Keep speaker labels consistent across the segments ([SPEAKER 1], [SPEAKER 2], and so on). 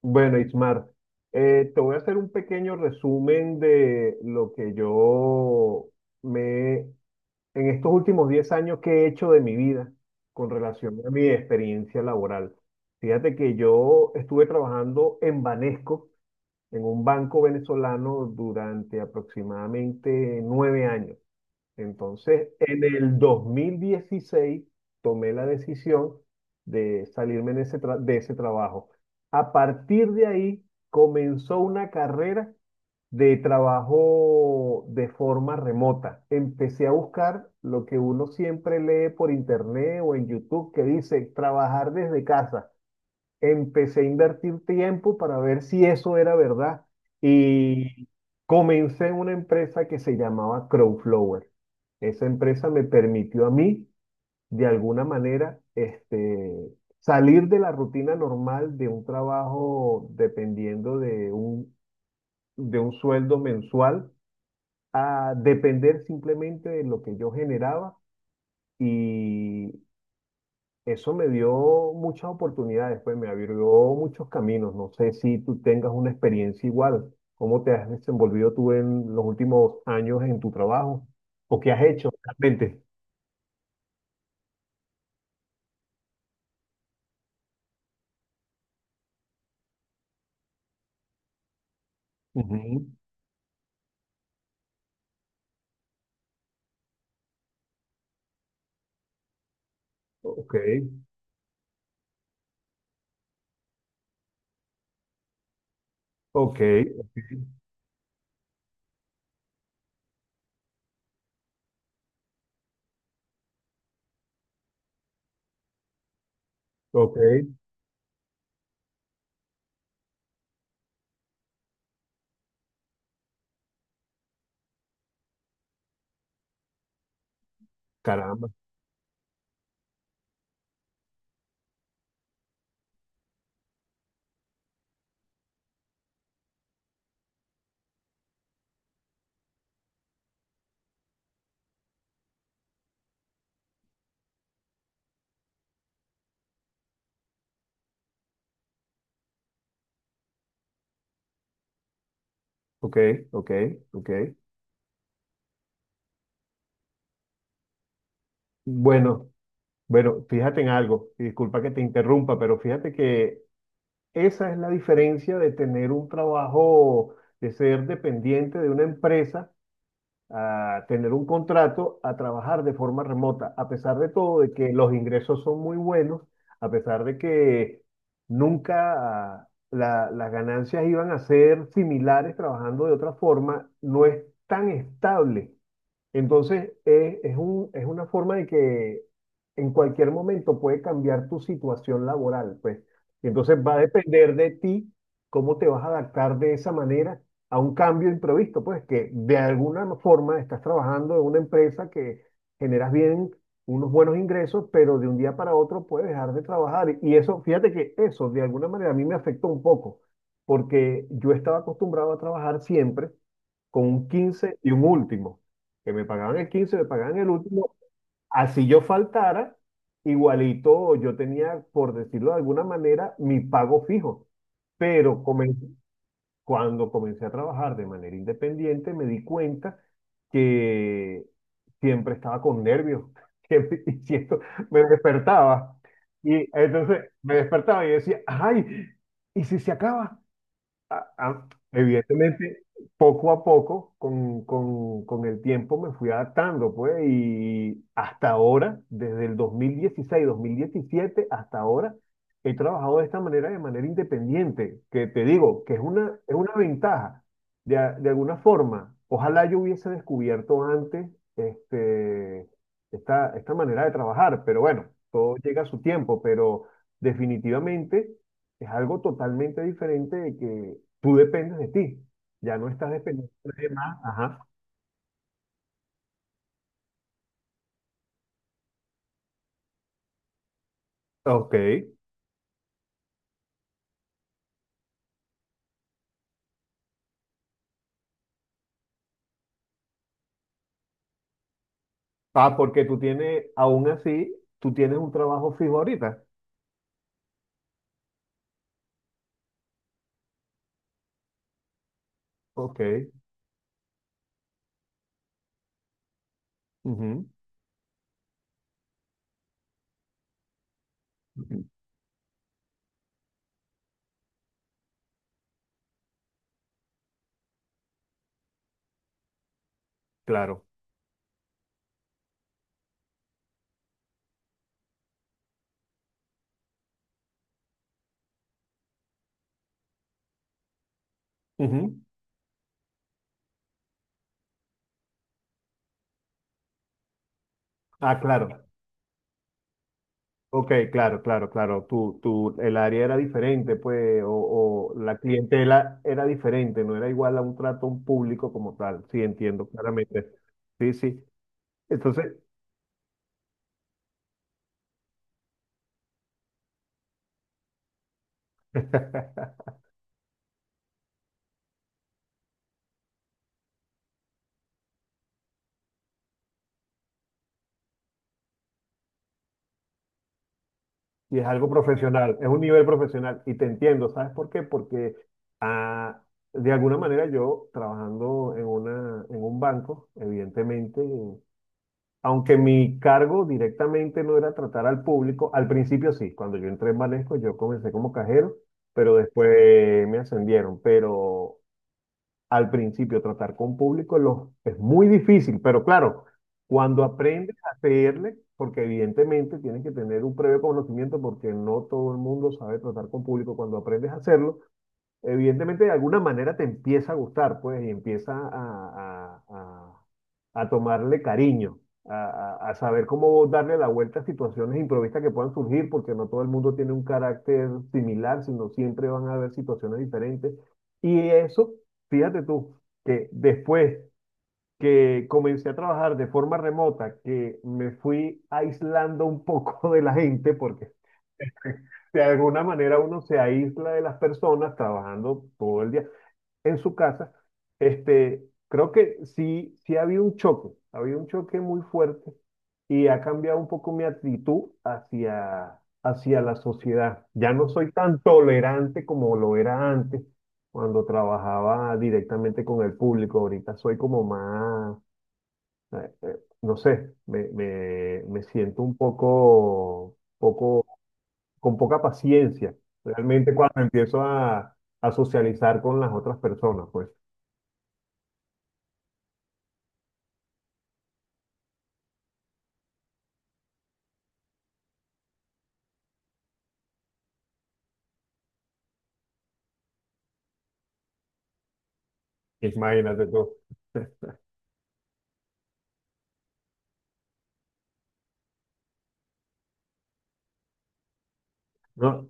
[SPEAKER 1] Bueno, Ismar, te voy a hacer un pequeño resumen de lo que yo me, en estos últimos 10 años que he hecho de mi vida con relación a mi experiencia laboral. Fíjate que yo estuve trabajando en Banesco, en un banco venezolano, durante aproximadamente nueve años. Entonces, en el 2016 tomé la decisión de salirme de de ese trabajo. A partir de ahí comenzó una carrera de trabajo de forma remota. Empecé a buscar lo que uno siempre lee por internet o en YouTube que dice trabajar desde casa, empecé a invertir tiempo para ver si eso era verdad y comencé una empresa que se llamaba Crowflower. Esa empresa me permitió a mí, de alguna manera, salir de la rutina normal de un trabajo dependiendo de un sueldo mensual a depender simplemente de lo que yo generaba, y eso me dio muchas oportunidades, pues me abrió muchos caminos. No sé si tú tengas una experiencia igual. ¿Cómo te has desenvolvido tú en los últimos años en tu trabajo? ¿O qué has hecho realmente? Ujú. Ok, ok, ok, ok. Caramba. Ok, ok, ok. Bueno, bueno, fíjate en algo. Y disculpa que te interrumpa, pero fíjate que esa es la diferencia de tener un trabajo, de ser dependiente de una empresa, a tener un contrato, a trabajar de forma remota, a pesar de todo, de que los ingresos son muy buenos, a pesar de que nunca las ganancias iban a ser similares trabajando de otra forma, no es tan estable. Entonces, es una forma de que en cualquier momento puede cambiar tu situación laboral, pues. Y entonces va a depender de ti cómo te vas a adaptar de esa manera a un cambio imprevisto, pues, que de alguna forma estás trabajando en una empresa que generas bien unos buenos ingresos, pero de un día para otro puedes dejar de trabajar. Y eso, fíjate que eso de alguna manera a mí me afectó un poco, porque yo estaba acostumbrado a trabajar siempre con un quince y un último, que me pagaban el quince, me pagaban el último, así yo faltara, igualito yo tenía, por decirlo de alguna manera, mi pago fijo. Pero comen- Cuando comencé a trabajar de manera independiente, me di cuenta que siempre estaba con nervios, siempre, me despertaba. Y entonces me despertaba y decía, ay, ¿y si se acaba? Evidentemente, poco a poco, con el tiempo me fui adaptando, pues, y hasta ahora, desde el dos mil dieciséis 2017 hasta ahora, he trabajado de esta manera, de manera independiente, que te digo, que es una ventaja, de alguna forma. Ojalá yo hubiese descubierto antes este, esta manera de trabajar, pero bueno, todo llega a su tiempo, pero definitivamente... Es algo totalmente diferente. Tú dependes de ti. Ya no estás dependiendo de nadie más. Ajá. Ok. Ah, porque tú tienes, aún así, tú tienes un trabajo fijo ahorita. Ok. Ujú. Ujú. Claro. Ujú. Ah, claro. Ok, claro, claro, claro. El área era diferente, pues, o la clientela era diferente, no era igual a un trato a un público como tal. Sí, entiendo claramente. Sí, sí. Entonces, y es algo profesional, es un nivel profesional. Y te entiendo, ¿sabes por qué? Porque ah, de alguna manera yo trabajando en un banco, evidentemente, aunque mi cargo directamente no era tratar al público, al principio sí, cuando yo entré en Banesco yo comencé como cajero, pero después me ascendieron. Pero al principio tratar con público, es muy difícil, pero claro, cuando aprendes a hacerle, porque evidentemente tienes que tener un previo conocimiento porque no todo el mundo sabe tratar con público, cuando aprendes a hacerlo, evidentemente de alguna manera te empieza a gustar, pues, y empieza a tomarle cariño, a saber cómo darle la vuelta a situaciones improvistas que puedan surgir, porque no todo el mundo tiene un carácter similar, sino siempre van a haber situaciones diferentes. Y eso, fíjate tú, que después que comencé a trabajar de forma remota, que me fui aislando un poco de la gente, porque de alguna manera uno se aísla de las personas trabajando todo el día en su casa, creo que sí, sí ha habido un choque, ha habido un choque muy fuerte y ha cambiado un poco mi actitud hacia, hacia la sociedad. Ya no soy tan tolerante como lo era antes, cuando trabajaba directamente con el público. Ahorita soy como más, eh, eh, no sé, me siento un poco, poco, con poca paciencia, realmente cuando empiezo a socializar con las otras personas, pues. Imagínate tú. ¿No?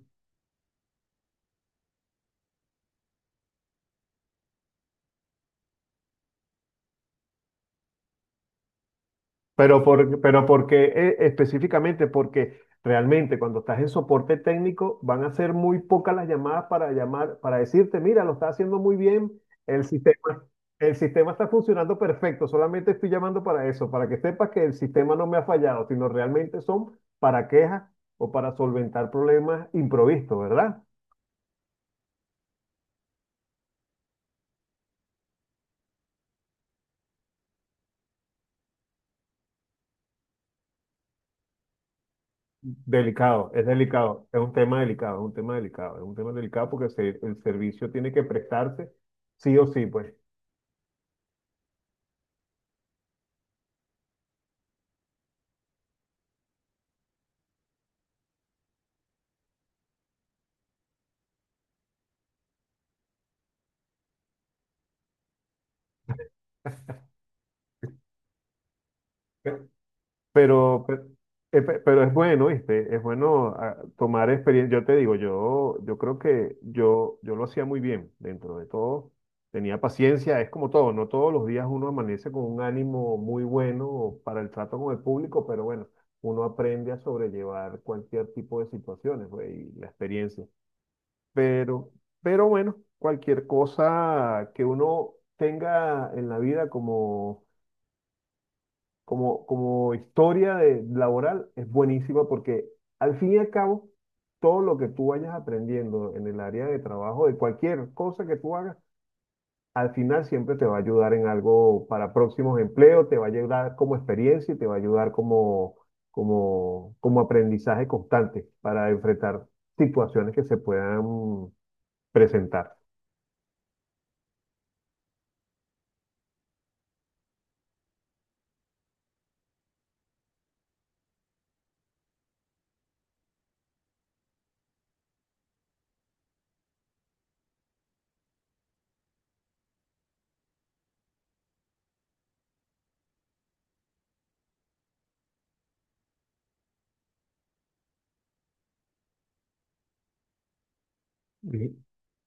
[SPEAKER 1] Pero porque específicamente, porque realmente cuando estás en soporte técnico van a ser muy pocas las llamadas para llamar, para decirte, mira, lo está haciendo muy bien, el sistema, el sistema está funcionando perfecto, solamente estoy llamando para eso, para que sepas que el sistema no me ha fallado, sino realmente son para quejas o para solventar problemas improvistos, ¿verdad? Delicado, es un tema delicado, es un tema delicado, es un tema delicado porque el servicio tiene que prestarse sí o sí, pues. Pe- Pero, pe- pero es bueno, ¿viste? Es bueno, tomar experiencia. Yo te digo, yo creo que yo lo hacía muy bien dentro de todo. Tenía paciencia, es como todo, no todos los días uno amanece con un ánimo muy bueno para el trato con el público, pero bueno, uno aprende a sobrellevar cualquier tipo de situaciones, pues, y la experiencia. Pero, pero bueno, cualquier cosa que uno tenga en la vida como, como historia laboral es buenísima porque al fin y al cabo, todo lo que tú vayas aprendiendo en el área de trabajo, de cualquier cosa que tú hagas, al final siempre te va a ayudar en algo para próximos empleos, te va a ayudar como experiencia y te va a ayudar como aprendizaje constante para enfrentar situaciones que se puedan presentar. I-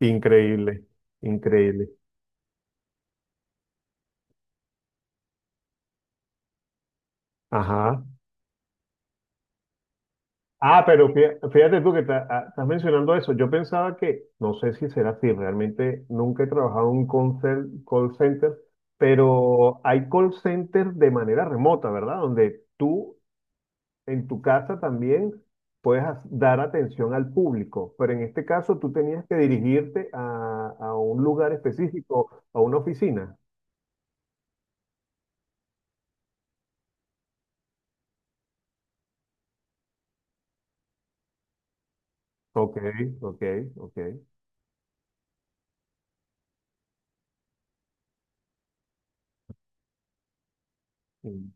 [SPEAKER 1] Increíble, increíble. Ajá. Ah, pero fíjate tú que estás mencionando eso. Yo pensaba que, no sé si será así, realmente nunca he trabajado en un call center, pero hay call centers de manera remota, ¿verdad? Donde tú en tu casa también puedes dar atención al público, pero en este caso tú tenías que dirigirte a un lugar específico, a una oficina. Ok, ok, ok. Mm,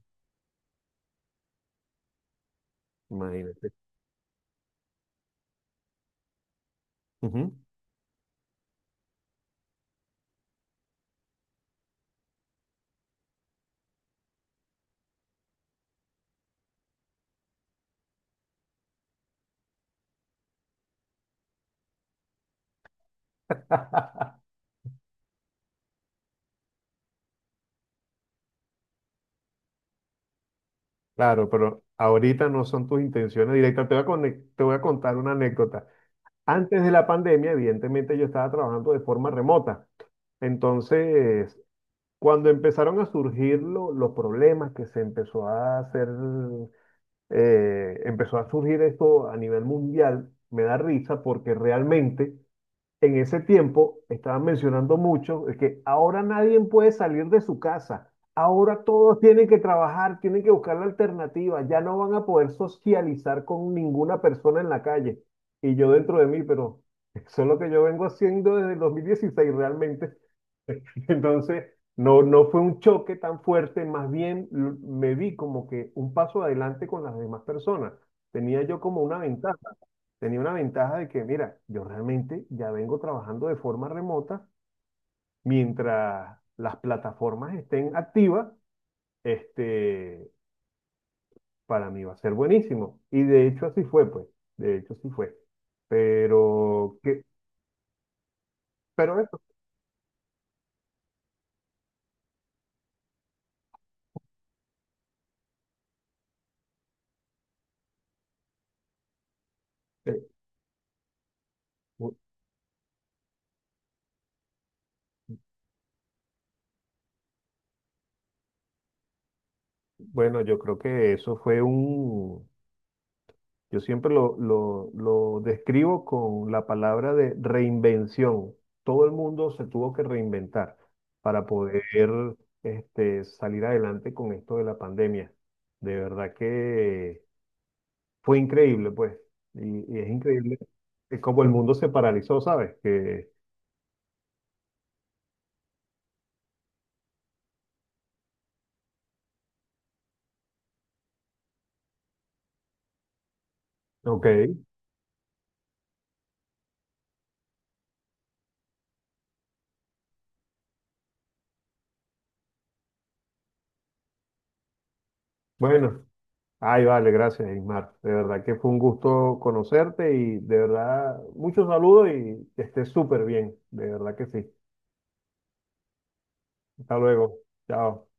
[SPEAKER 1] imagínate. Claro, pero ahorita no son tus intenciones directas. Te voy a contar una anécdota. Antes de la pandemia, evidentemente yo estaba trabajando de forma remota. Entonces, cuando empezaron a surgir los problemas que se empezó a hacer, empezó a surgir esto a nivel mundial, me da risa porque realmente en ese tiempo estaban mencionando mucho es que ahora nadie puede salir de su casa. Ahora todos tienen que trabajar, tienen que buscar la alternativa. Ya no van a poder socializar con ninguna persona en la calle. Y yo dentro de mí, pero eso es lo que yo vengo haciendo desde el 2016 realmente. Entonces, no, no fue un choque tan fuerte, más bien me vi como que un paso adelante con las demás personas. Tenía yo como una ventaja. Tenía una ventaja de que, mira, yo realmente ya vengo trabajando de forma remota. Mientras las plataformas estén activas, este, para mí va a ser buenísimo. Y de hecho así fue, pues. De hecho así fue. Pero, que, pero eh, bu- bueno, yo creo que yo siempre lo describo con la palabra de reinvención. Todo el mundo se tuvo que reinventar para poder salir adelante con esto de la pandemia. De verdad que fue increíble, pues. Y es increíble cómo el mundo se paralizó, ¿sabes? Que, ok, bueno. Ay, vale, gracias, Ismar. De verdad que fue un gusto conocerte y de verdad, muchos saludos y que estés súper bien. De verdad que sí. Hasta luego. Chao.